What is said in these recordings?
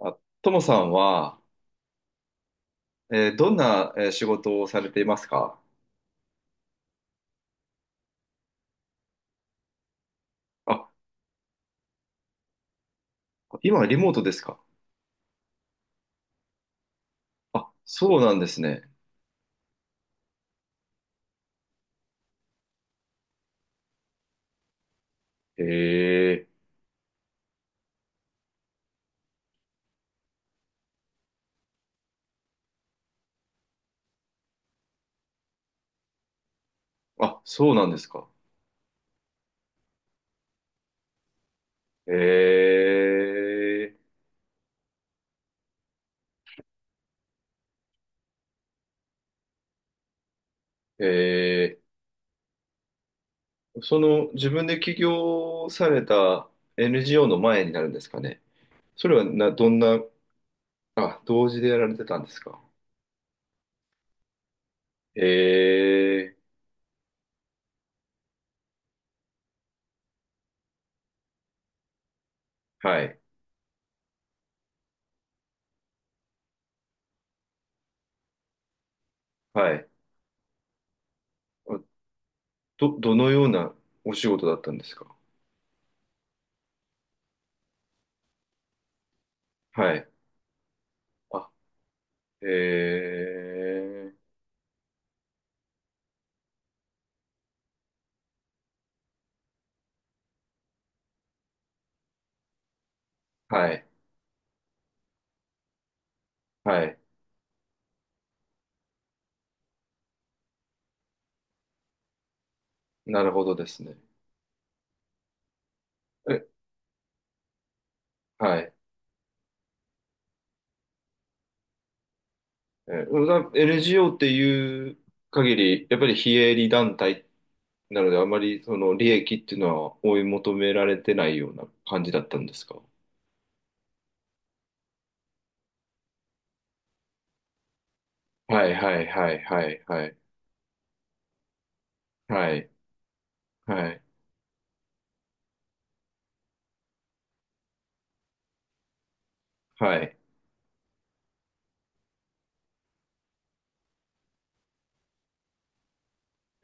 あ、ともさんは、どんな、仕事をされていますか？あ、今はリモートですか？あ、そうなんですね。へえ。あ、そうなんですか。へえ。えその、自分で起業された NGO の前になるんですかね。それはな、どんな、あ、同時でやられてたんですか？へえ。はい。はい。あどのようなお仕事だったんですか？はい。あえー、はい、はい。なるほどですね。え、はい。えーだ NGO っていう限り、やっぱり非営利団体なので、あまりその利益っていうのは追い求められてないような感じだったんですか？はい、はい、はい、はい、はい、はい、はい、はい。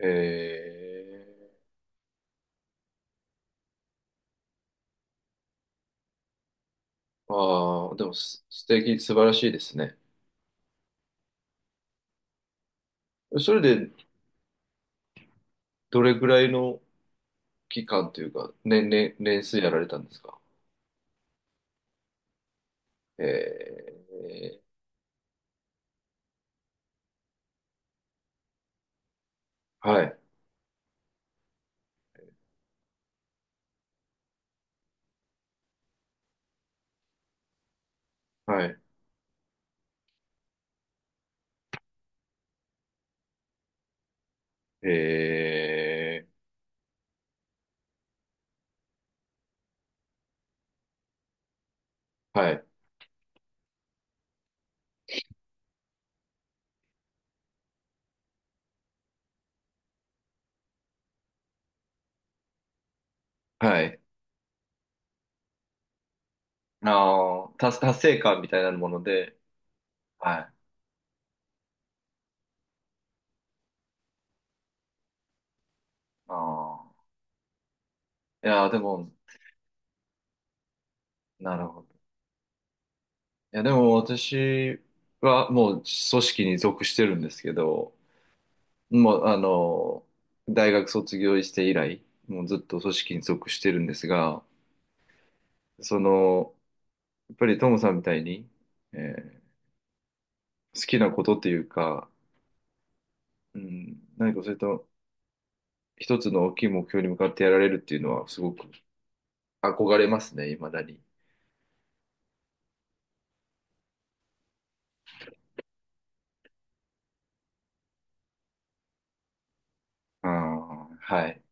えああ、でも素敵、素晴らしいですね。それでどれぐらいの期間というか年数やられたんですか？えはい、はい、えはい、はい。達成感みたいなもので、はい。あいやー、でも、なるほど。いや、でも私はもう組織に属してるんですけど、もう、大学卒業して以来、もうずっと組織に属してるんですが、その、やっぱりトムさんみたいに、えー好きなことっていうか、うん、何かそれと、一つの大きい目標に向かってやられるっていうのはすごく憧れますね、未だに。うん、はい。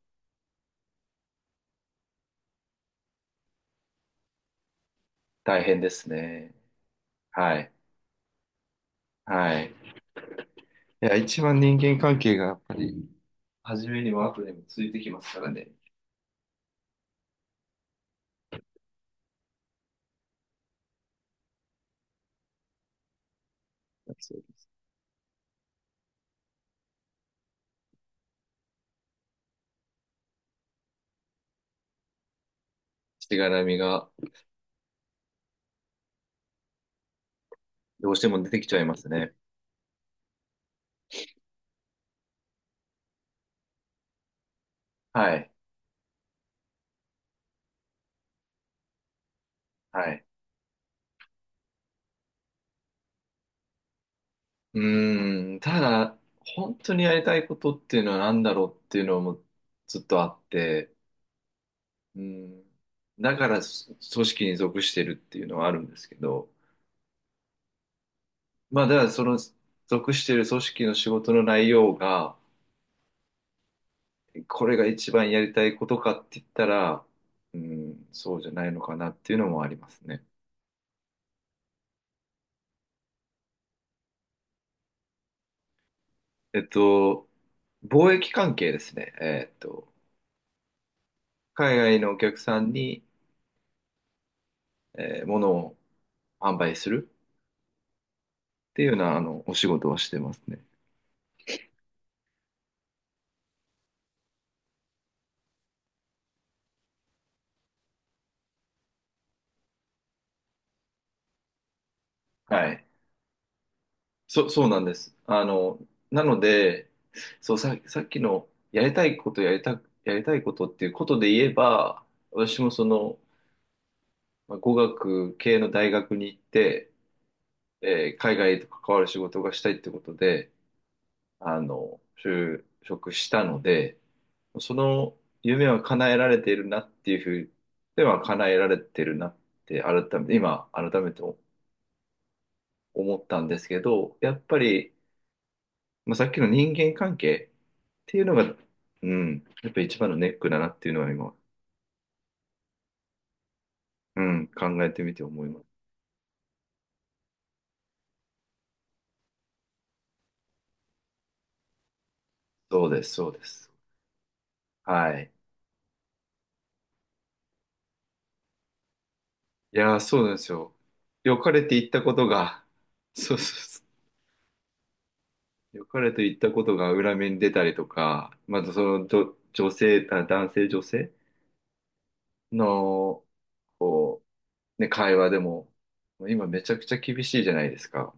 大変ですね。はい。はい。いや、一番人間関係がやっぱり、初めにも後でもついてきますからね。しがらみがどうしても出てきちゃいますね。はい。はい。うーん、ただ、本当にやりたいことっていうのは何だろうっていうのもずっとあって、うん、だから組織に属してるっていうのはあるんですけど、まあ、だからその属している組織の仕事の内容が、これが一番やりたいことかって言ったら、うん、そうじゃないのかなっていうのもありますね。えっと、貿易関係ですね。海外のお客さんに、物を販売するっていうような、お仕事をしてますね。はい。そうなんです。なので、そう、さっきのやりたいことっていうことで言えば、私もその、まあ、語学系の大学に行って、海外と関わる仕事がしたいってことで、就職したので、その夢は叶えられているなっていうふうでは叶えられてるなって改めて、今改めて思ったんですけど、やっぱり、まあ、さっきの人間関係っていうのが、うん、やっぱ一番のネックだなっていうのは今、うん、考えてみて思います。そうです、そうです。はい。いやー、そうなんですよ。良かれて言ったことが、そうそうそう。良かれと言ったことが裏目に出たりとか、まずそのど女性、あ、男性女性の、こう、ね、会話でも、今めちゃくちゃ厳しいじゃないですか。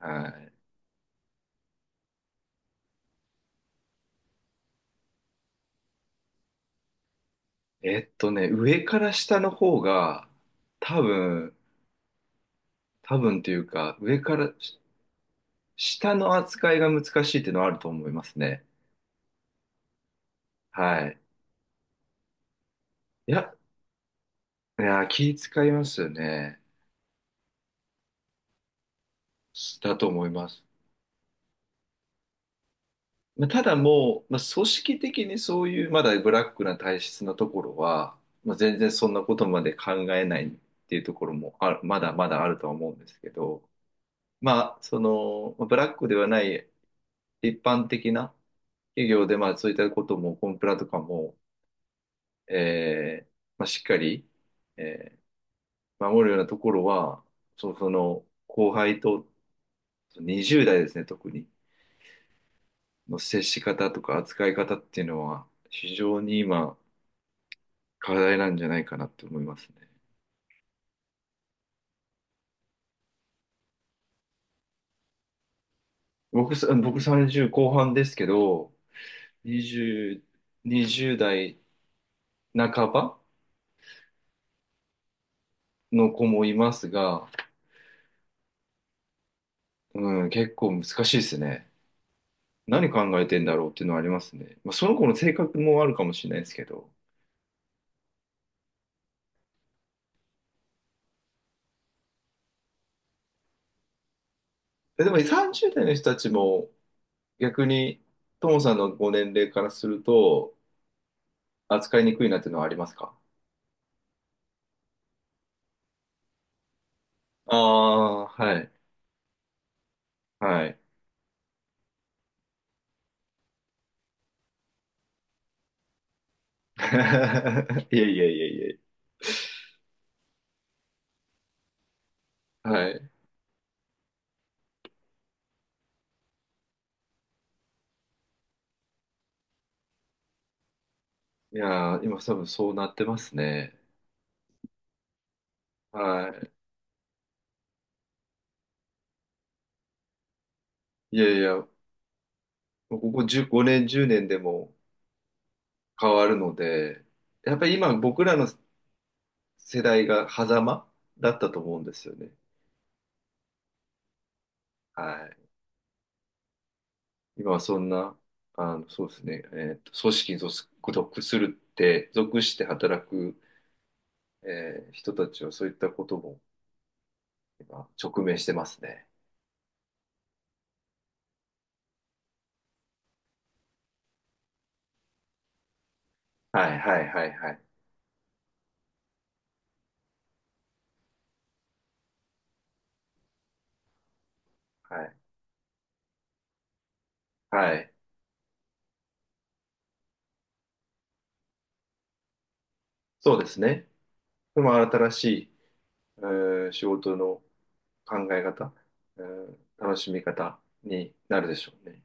はい。上から下の方が、多分、多分というか、上から下の扱いが難しいっていうのはあると思いますね。はい。いや、いや気遣いますよね。だと思います。まあただもう、まあ、組織的にそういうまだブラックな体質なところは、まあ、全然そんなことまで考えないっていうところもある、まだまだあるとは思うんですけど、まあ、その、まあブラックではない一般的な企業で、まあ、そういったことも、コンプラとかも、えーまあ、しっかり、えー守るようなところは、その、後輩と、20代ですね、特に、の接し方とか扱い方っていうのは、非常に今、課題なんじゃないかなって思いますね。僕30後半ですけど、20、20代半ばの子もいますが、うん、結構難しいですね。何考えてんだろうっていうのはありますね。まあ、その子の性格もあるかもしれないですけど。えでも30代の人たちも逆に、ともさんのご年齢からすると、扱いにくいなっていうのはありますか？ああー、はい。はい。いえいえいえいえ。はい。いやー、今多分そうなってますね。はい。いやいや、もうここ10、5年、10年でも変わるので、やっぱり今僕らの世代が狭間だったと思うんですよね。はい。今はそんな、そうですね、組織に属するって、属して働く、人たちはそういったことも今直面してますね。はい、はい、はい、はい。はい。はい。そうですね。でも新しい、仕事の考え方、うん、楽しみ方になるでしょうね。